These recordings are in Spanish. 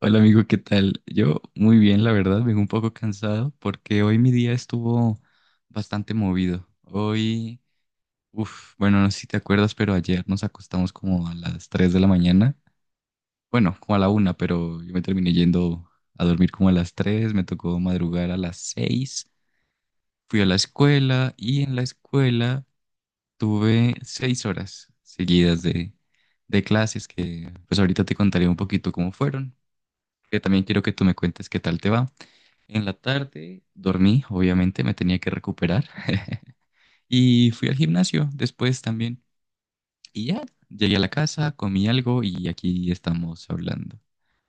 Hola amigo, ¿qué tal? Yo muy bien, la verdad, vengo un poco cansado porque hoy mi día estuvo bastante movido. Hoy, bueno, no sé si te acuerdas, pero ayer nos acostamos como a las 3 de la mañana. Bueno, como a la una, pero yo me terminé yendo a dormir como a las 3. Me tocó madrugar a las 6. Fui a la escuela y en la escuela tuve 6 horas seguidas de clases que, pues ahorita te contaré un poquito cómo fueron, que también quiero que tú me cuentes qué tal te va. En la tarde dormí, obviamente me tenía que recuperar. Y fui al gimnasio después también. Y ya, llegué a la casa, comí algo y aquí estamos hablando.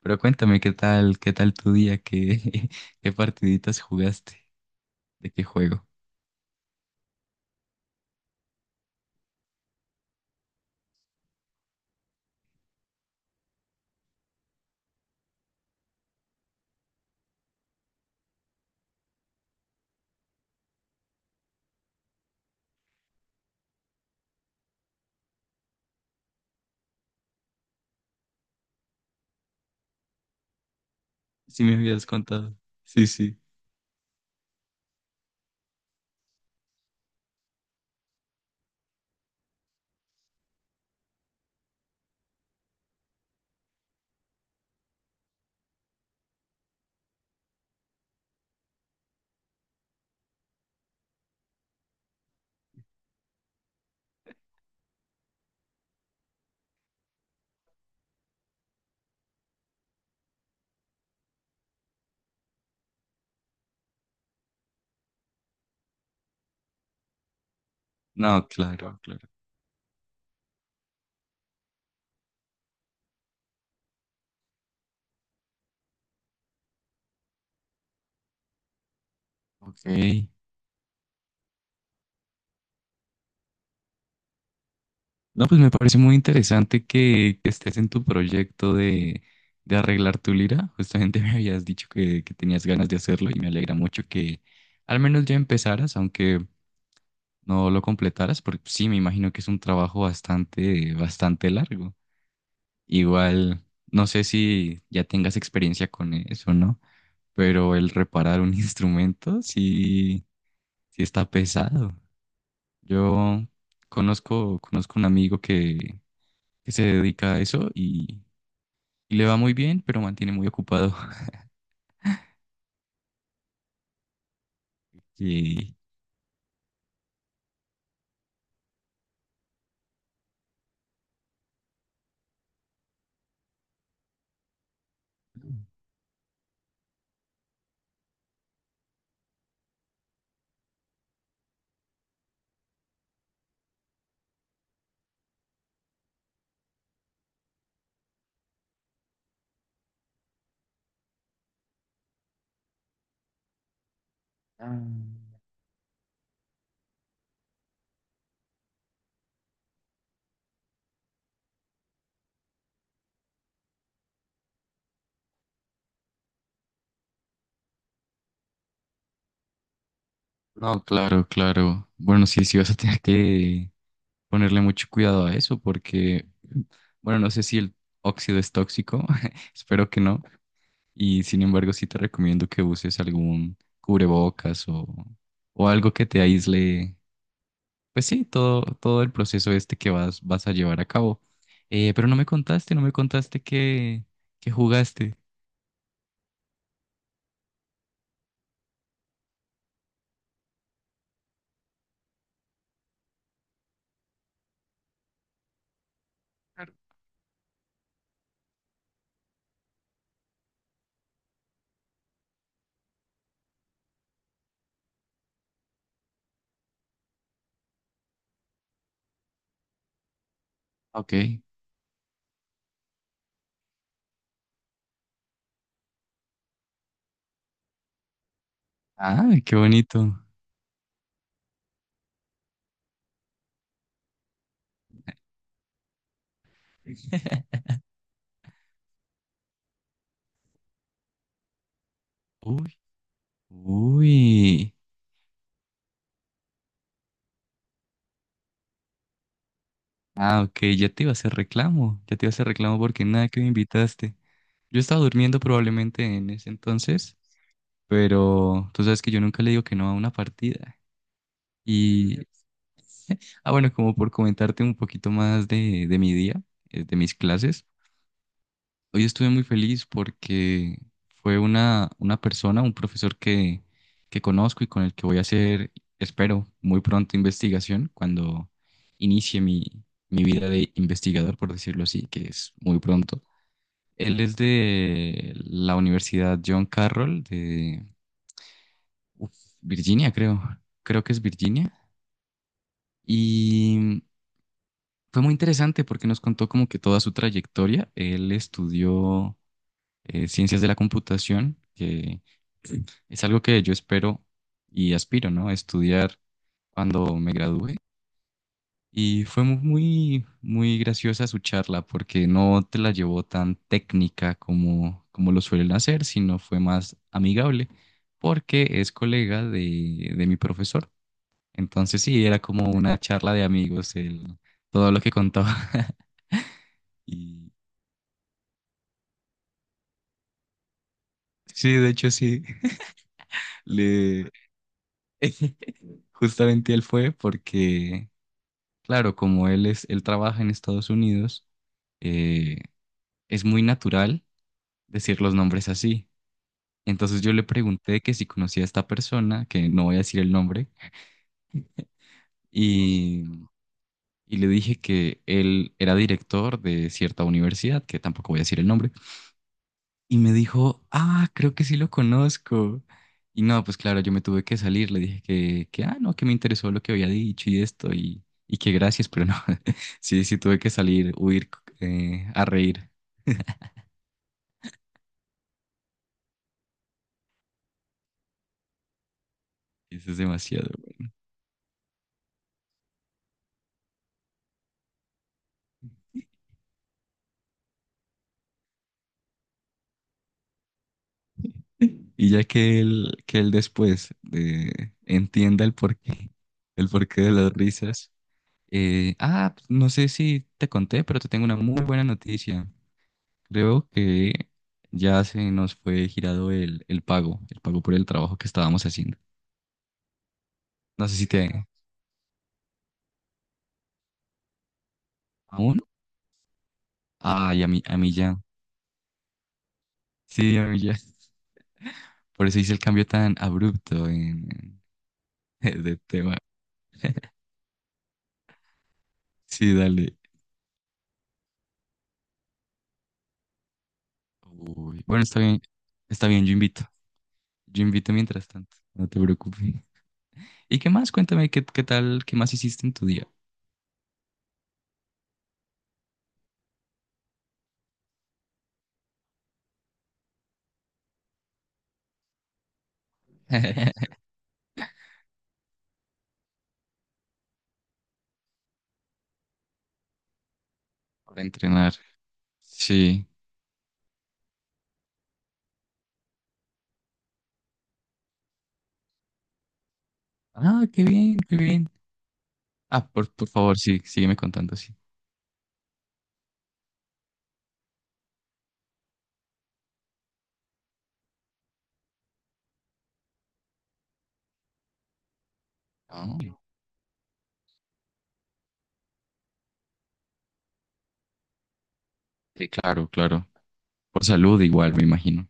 Pero cuéntame, qué tal tu día? ¿Qué, qué partiditas jugaste? ¿De qué juego? Sí me habías contado. Sí, sí. No, claro, claro. Ok. No, pues me parece muy interesante que estés en tu proyecto de arreglar tu lira. Justamente me habías dicho que tenías ganas de hacerlo y me alegra mucho que al menos ya empezaras, aunque no lo completaras, porque sí, me imagino que es un trabajo bastante, bastante largo. Igual, no sé si ya tengas experiencia con eso, ¿no? Pero el reparar un instrumento sí, sí está pesado. Yo conozco, conozco un amigo que se dedica a eso y le va muy bien, pero mantiene muy ocupado. Y ah, no, claro, claro. Bueno, sí, sí vas a tener que ponerle mucho cuidado a eso porque, bueno, no sé si el óxido es tóxico, espero que no. Y sin embargo, sí te recomiendo que uses algún cubrebocas o algo que te aísle, pues sí, todo el proceso este que vas a llevar a cabo. Pero no me contaste que jugaste. Claro. Ok. Ah, qué bonito. Uy, uy. Ah, ok, ya te iba a hacer reclamo. Ya te iba a hacer reclamo porque nada que me invitaste. Yo estaba durmiendo probablemente en ese entonces, pero tú sabes que yo nunca le digo que no a una partida. Y, ah, bueno, como por comentarte un poquito más de mi día, de mis clases. Hoy estuve muy feliz porque fue una persona, un profesor que conozco y con el que voy a hacer, espero, muy pronto investigación cuando inicie mi vida de investigador, por decirlo así, que es muy pronto. Él es de la Universidad John Carroll de uf, Virginia, creo. Creo que es Virginia. Y fue muy interesante porque nos contó como que toda su trayectoria. Él estudió ciencias de la computación, que es algo que yo espero y aspiro, ¿no? Estudiar cuando me gradúe. Y fue muy, muy graciosa su charla porque no te la llevó tan técnica como lo suelen hacer, sino fue más amigable porque es colega de mi profesor. Entonces sí, era como una charla de amigos, todo lo que contaba. Y sí, de hecho sí, le, justamente él fue porque, claro, como él es, él trabaja en Estados Unidos eh, es muy natural decir los nombres así. Entonces yo le pregunté que si conocía a esta persona, que no voy a decir el nombre, y, y le dije que él era director de cierta universidad, que tampoco voy a decir el nombre, y me dijo, ah, creo que sí lo conozco. Y no, pues claro, yo me tuve que salir, le dije que ah, no, que me interesó lo que había dicho y esto, y que gracias, pero no, sí, sí tuve que salir, huir, a reír, eso es demasiado. Y ya que él después entienda el porqué de las risas. Pues, no sé si te conté, pero te tengo una muy buena noticia. Creo que ya se nos fue girado el pago por el trabajo que estábamos haciendo. No sé si te... ¿Aún? Ay, a mí ya. Sí, a mí ya. Por eso hice el cambio tan abrupto en, de tema. Sí, dale. Uy, bueno, está bien. Está bien, yo invito. Yo invito mientras tanto, no te preocupes. ¿Y qué más? Cuéntame, ¿qué tal, qué más hiciste en tu día? Para entrenar. Sí. Ah, qué bien, qué bien. Ah, por favor, sí, sígueme contando, sí. Ah, sí, claro, claro. Por salud igual, me imagino.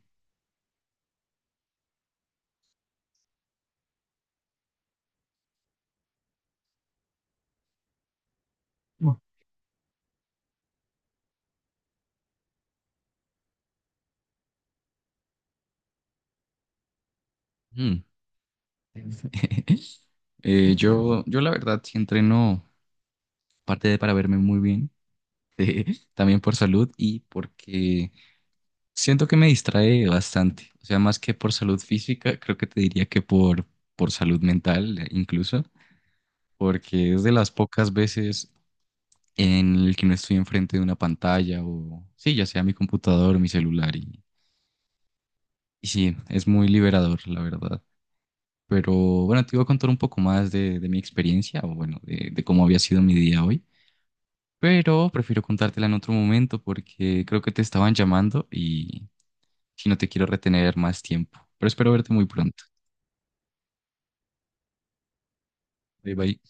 Mm. Yo la verdad sí entreno, parte de para verme muy bien, eh, también por salud y porque siento que me distrae bastante, o sea, más que por salud física, creo que te diría que por salud mental incluso, porque es de las pocas veces en el que no estoy enfrente de una pantalla o, sí, ya sea mi computador o mi celular y sí, es muy liberador, la verdad. Pero bueno, te iba a contar un poco más de mi experiencia o bueno, de cómo había sido mi día hoy, pero prefiero contártela en otro momento porque creo que te estaban llamando y si no te quiero retener más tiempo, pero espero verte muy pronto. Bye bye.